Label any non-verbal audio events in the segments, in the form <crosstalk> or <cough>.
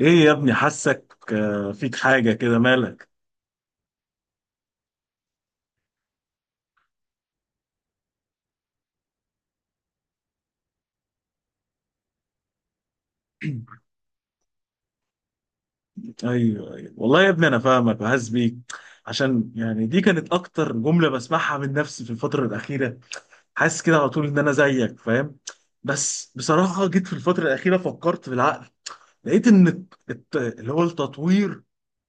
ايه يا ابني حاسك آه، فيك حاجة كده مالك؟ <clears throat> ايوه ايوه، والله يا ابني انا فاهمك وحاسس بيك. عشان يعني دي كانت اكتر جملة بسمعها من نفسي في الفترة الأخيرة. حاسس كده على طول ان انا زيك فاهم. بس بصراحة جيت في الفترة الأخيرة فكرت بالعقل، لقيت ان اللي هو التطوير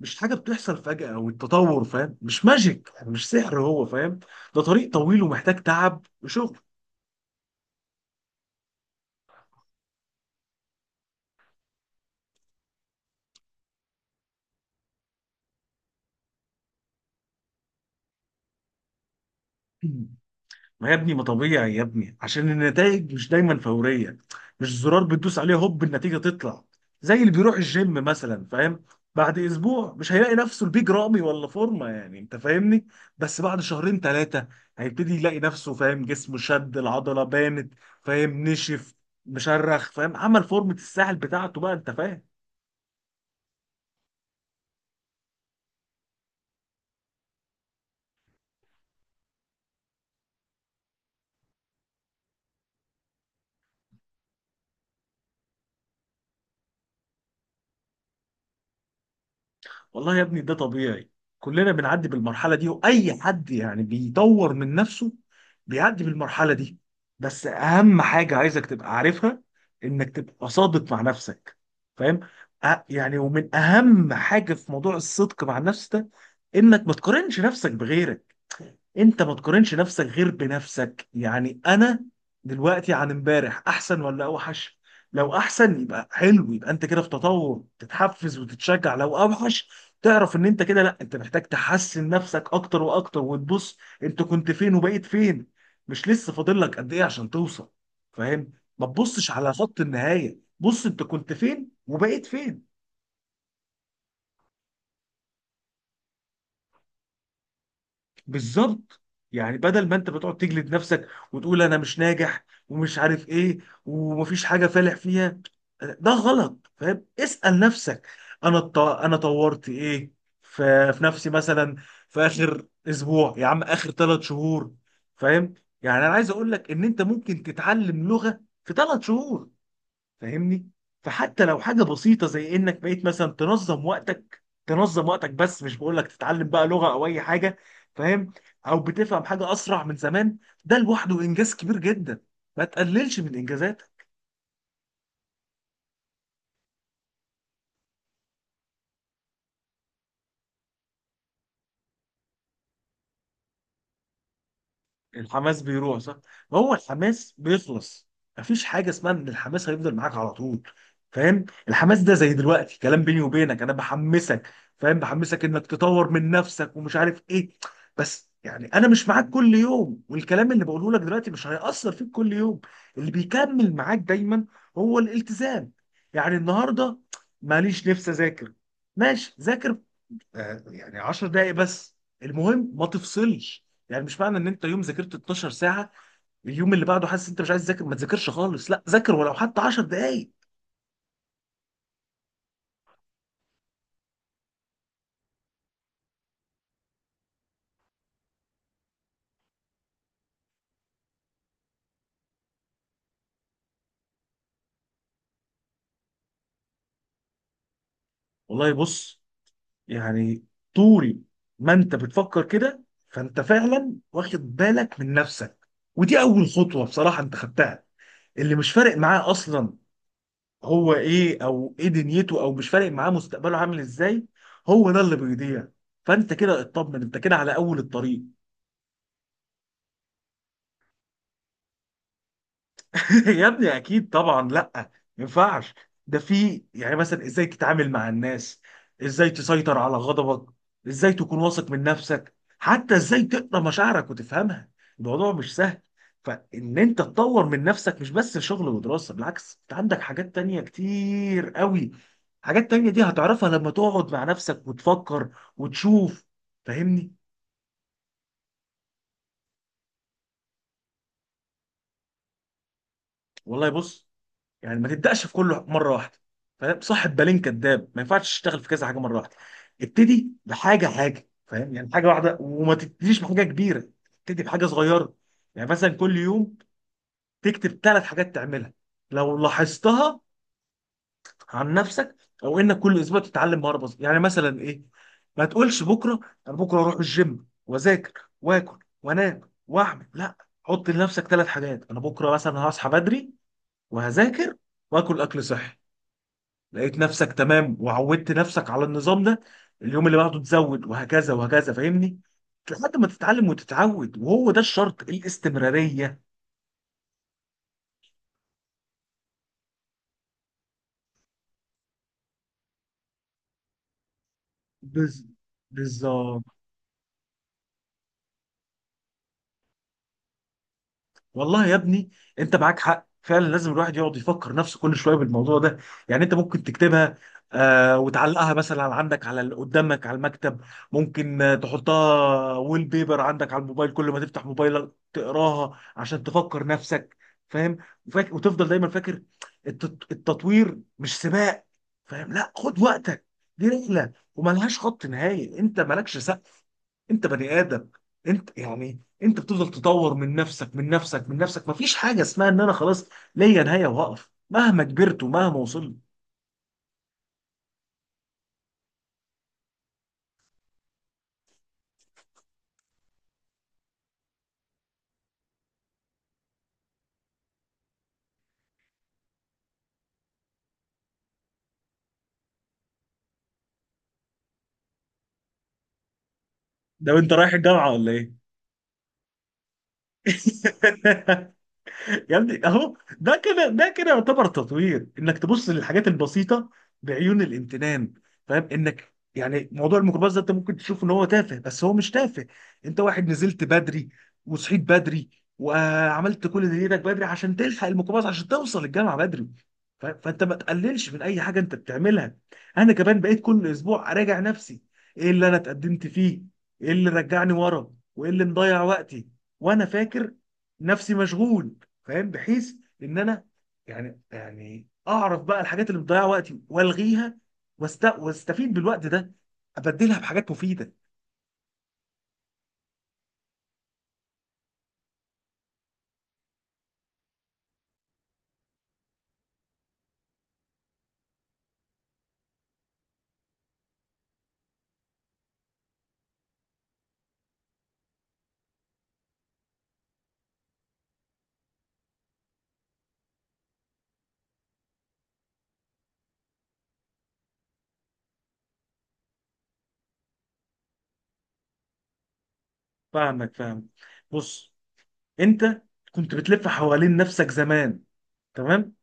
مش حاجة بتحصل فجأة، او التطور فاهم، مش ماجيك يعني، مش سحر هو فاهم. ده طريق طويل ومحتاج تعب وشغل. <clears throat> ما يا ابني ما طبيعي يا ابني، عشان النتائج مش دايما فورية. مش زرار بتدوس عليه هوب النتيجة تطلع. زي اللي بيروح الجيم مثلا فاهم، بعد اسبوع مش هيلاقي نفسه البيج رامي ولا فورمة، يعني انت فاهمني. بس بعد شهرين ثلاثة هيبتدي يلاقي نفسه فاهم، جسمه شد، العضلة بانت فاهم، نشف، مشرخ فاهم، عمل فورمة الساحل بتاعته بقى انت فاهم. والله يا ابني ده طبيعي، كلنا بنعدي بالمرحلة دي، وأي حد يعني بيطور من نفسه بيعدي بالمرحلة دي. بس أهم حاجة عايزك تبقى عارفها، إنك تبقى صادق مع نفسك فاهم؟ يعني ومن أهم حاجة في موضوع الصدق مع النفس ده، إنك ما تقارنش نفسك بغيرك. انت ما تقارنش نفسك غير بنفسك. يعني انا دلوقتي عن امبارح احسن ولا اوحش؟ لو احسن يبقى حلو، يبقى انت كده في تطور، تتحفز وتتشجع. لو اوحش تعرف ان انت كده لا، انت محتاج تحسن نفسك اكتر واكتر، وتبص انت كنت فين وبقيت فين، مش لسه فاضل لك قد ايه عشان توصل. فاهم، ما تبصش على خط النهاية، بص انت كنت فين وبقيت فين. بالظبط. يعني بدل ما انت بتقعد تجلد نفسك وتقول انا مش ناجح ومش عارف ايه ومفيش حاجه فالح فيها، ده غلط فاهم. اسال نفسك، انا انا طورت ايه في نفسي مثلا، في اخر اسبوع، يا عم اخر ثلاث شهور فاهم. يعني انا عايز اقول لك ان انت ممكن تتعلم لغه في ثلاث شهور فاهمني. فحتى لو حاجه بسيطه زي انك بقيت مثلا تنظم وقتك، تنظم وقتك بس، مش بقول لك تتعلم بقى لغه او اي حاجه فاهم، او بتفهم حاجه اسرع من زمان، ده لوحده انجاز كبير جدا. ما تقللش من انجازاتك. الحماس بيروح صح، ما هو الحماس بيخلص. مفيش حاجه اسمها ان الحماس هيفضل معاك على طول فاهم. الحماس ده زي دلوقتي كلام بيني وبينك، انا بحمسك فاهم، بحمسك انك تطور من نفسك ومش عارف ايه. بس يعني انا مش معاك كل يوم، والكلام اللي بقوله لك دلوقتي مش هيأثر فيك كل يوم. اللي بيكمل معاك دايما هو الالتزام. يعني النهارده ماليش نفس اذاكر، ماشي ذاكر آه، يعني 10 دقايق بس، المهم ما تفصلش. يعني مش معنى ان انت يوم ذاكرت 12 ساعه، اليوم اللي بعده حاسس انت مش عايز تذاكر ما تذاكرش خالص، لا ذاكر ولو حتى 10 دقايق. والله بص، يعني طول ما انت بتفكر كده، فانت فعلا واخد بالك من نفسك، ودي اول خطوه بصراحه انت خدتها. اللي مش فارق معاه اصلا هو ايه، او ايه دنيته، او مش فارق معاه مستقبله عامل ازاي، هو ده اللي بيضيع. فانت كده اطمن، انت كده على اول الطريق. <laughs> يا ابني اكيد طبعا، لا ما ينفعش. ده في يعني مثلا ازاي تتعامل مع الناس، ازاي تسيطر على غضبك، ازاي تكون واثق من نفسك، حتى ازاي تقرا مشاعرك وتفهمها. الموضوع مش سهل. فان انت تطور من نفسك مش بس شغل ودراسة، بالعكس انت عندك حاجات تانية كتير قوي. حاجات تانية دي هتعرفها لما تقعد مع نفسك وتفكر وتشوف فاهمني. والله بص، يعني ما تبداش في كله مره واحده فاهم، صاحب بالين كداب، ما ينفعش تشتغل في كذا حاجه مره واحده. ابتدي بحاجه حاجه فاهم، يعني حاجه واحده، وما تبتديش بحاجه كبيره، ابتدي بحاجه صغيره. يعني مثلا كل يوم تكتب ثلاث حاجات تعملها لو لاحظتها عن نفسك، او انك كل اسبوع تتعلم مهاره بسيطه. يعني مثلا ايه، ما تقولش بكره انا بكره اروح الجيم واذاكر واكل وانام واعمل، لا. حط لنفسك ثلاث حاجات، انا بكره مثلا هصحى بدري وهذاكر واكل اكل صحي. لقيت نفسك تمام وعودت نفسك على النظام ده، اليوم اللي بعده تزود، وهكذا وهكذا فاهمني، لحد ما تتعلم وتتعود، وهو ده الشرط، الاستمرارية. بز... بالظبط. والله يا ابني انت معاك حق، فعلا لازم الواحد يقعد يفكر نفسه كل شويه بالموضوع ده. يعني انت ممكن تكتبها آه، وتعلقها مثلا عندك على قدامك على المكتب، ممكن آه، تحطها ويل بيبر عندك على الموبايل، كل ما تفتح موبايلك تقراها عشان تفكر نفسك فاهم. وتفضل دايما فاكر، التطوير مش سباق فاهم، لا خد وقتك. دي رحله وملهاش خط نهائي، انت مالكش سقف، انت بني ادم، انت يعني انت بتفضل تطور من نفسك، من نفسك من نفسك، مفيش حاجه اسمها ان انا خلاص ليا نهايه واقف، مهما كبرت ومهما وصلت. ده انت رايح الجامعه ولا ايه؟ <laughs> يا ابني اهو ده كده، ده كده يعتبر تطوير، انك تبص للحاجات البسيطه بعيون الامتنان فاهم. انك يعني موضوع الميكروباص ده انت ممكن تشوف ان هو تافه، بس هو مش تافه. انت واحد نزلت بدري وصحيت بدري وعملت كل اللي ايدك بدري عشان تلحق الميكروباص، عشان توصل الجامعه بدري. فانت ما تقللش من اي حاجه انت بتعملها. انا كمان بقيت كل اسبوع اراجع نفسي، ايه اللي انا اتقدمت فيه، ايه اللي رجعني ورا، وايه اللي مضيع وقتي وانا فاكر نفسي مشغول فاهم، بحيث ان انا يعني اعرف بقى الحاجات اللي مضيعه وقتي والغيها، واستفيد بالوقت ده، ابدلها بحاجات مفيده. فاهمك فاهم. بص انت كنت بتلف حوالين نفسك زمان، تمام؟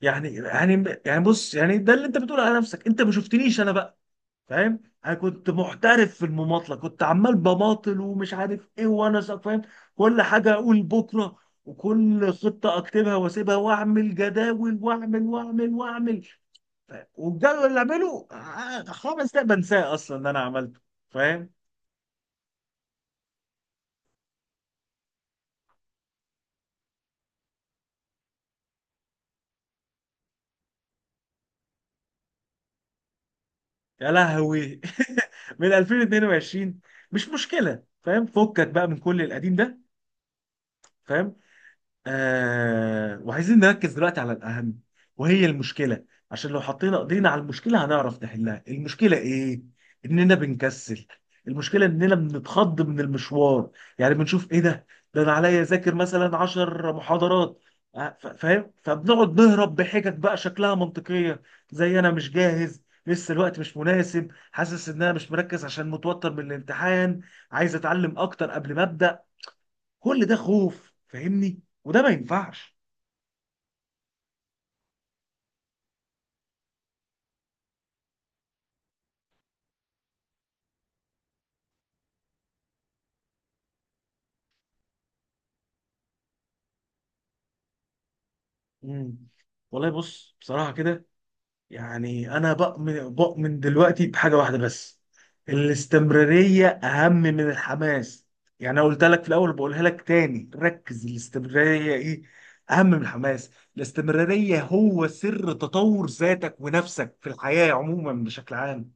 يعني بص، يعني ده اللي انت بتقوله على نفسك انت ما شفتنيش انا بقى فاهم. انا كنت محترف في المماطله، كنت عمال بماطل ومش عارف ايه، وانا فاهم. كل حاجه اقول بكره، وكل خطه اكتبها واسيبها، واعمل جداول واعمل واعمل واعمل فاهم؟ والجدول اللي اعمله آه، خمس دقايق بنساه اصلا ان انا عملته فاهم. يا لهوي، <laughs> من 2022! مش مشكله فاهم، فكك بقى من كل القديم ده فاهم. آه، وعايزين نركز دلوقتي على الأهم، وهي المشكلة. عشان لو حطينا ايدينا على المشكلة هنعرف نحلها. المشكلة ايه؟ اننا بنكسل. المشكلة اننا بنتخض من المشوار. يعني بنشوف ايه ده؟ ده انا عليا اذاكر مثلا 10 محاضرات آه، فاهم؟ فبنقعد نهرب بحجج بقى شكلها منطقية، زي انا مش جاهز لسه، الوقت مش مناسب، حاسس ان انا مش مركز عشان متوتر من الامتحان، عايز اتعلم اكتر قبل ما ابدا. كل ده خوف فاهمني، وده ما ينفعش. مم. والله بص، بصراحة كده يعني أنا بؤمن دلوقتي بحاجة واحدة بس، الاستمرارية أهم من الحماس. يعني أنا قلت لك في الأول، بقولها لك تاني، ركز، الاستمرارية إيه؟ أهم من الحماس. الاستمرارية هو سر تطور ذاتك ونفسك في الحياة عموما بشكل عام.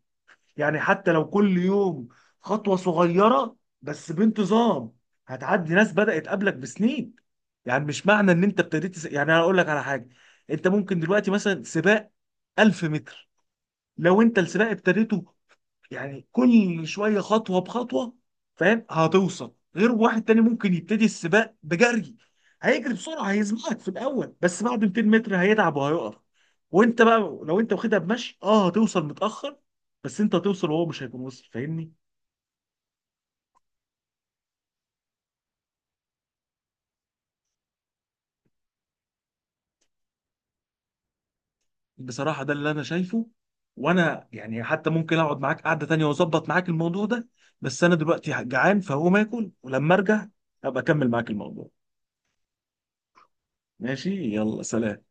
يعني حتى لو كل يوم خطوة صغيرة بس بانتظام، هتعدي ناس بدأت قبلك بسنين. يعني مش معنى ان انت ابتديت يعني انا اقول لك على حاجة، انت ممكن دلوقتي مثلا سباق 1000 متر، لو انت السباق ابتديته يعني كل شويه خطوه بخطوه فاهم، هتوصل. غير واحد تاني ممكن يبتدي السباق بجري، هيجري بسرعه هيسبقك في الاول، بس بعد 200 متر هيتعب وهيقف. وانت بقى لو انت واخدها بمشي اه هتوصل متاخر، بس انت هتوصل وهو مش هيكون وصل فاهمني. بصراحه ده اللي انا شايفه. وانا يعني حتى ممكن اقعد معاك قعده تانيه واظبط معاك الموضوع ده، بس انا دلوقتي جعان فهقوم اكل ولما ارجع ابقى اكمل معاك الموضوع. ماشي يلا سلام.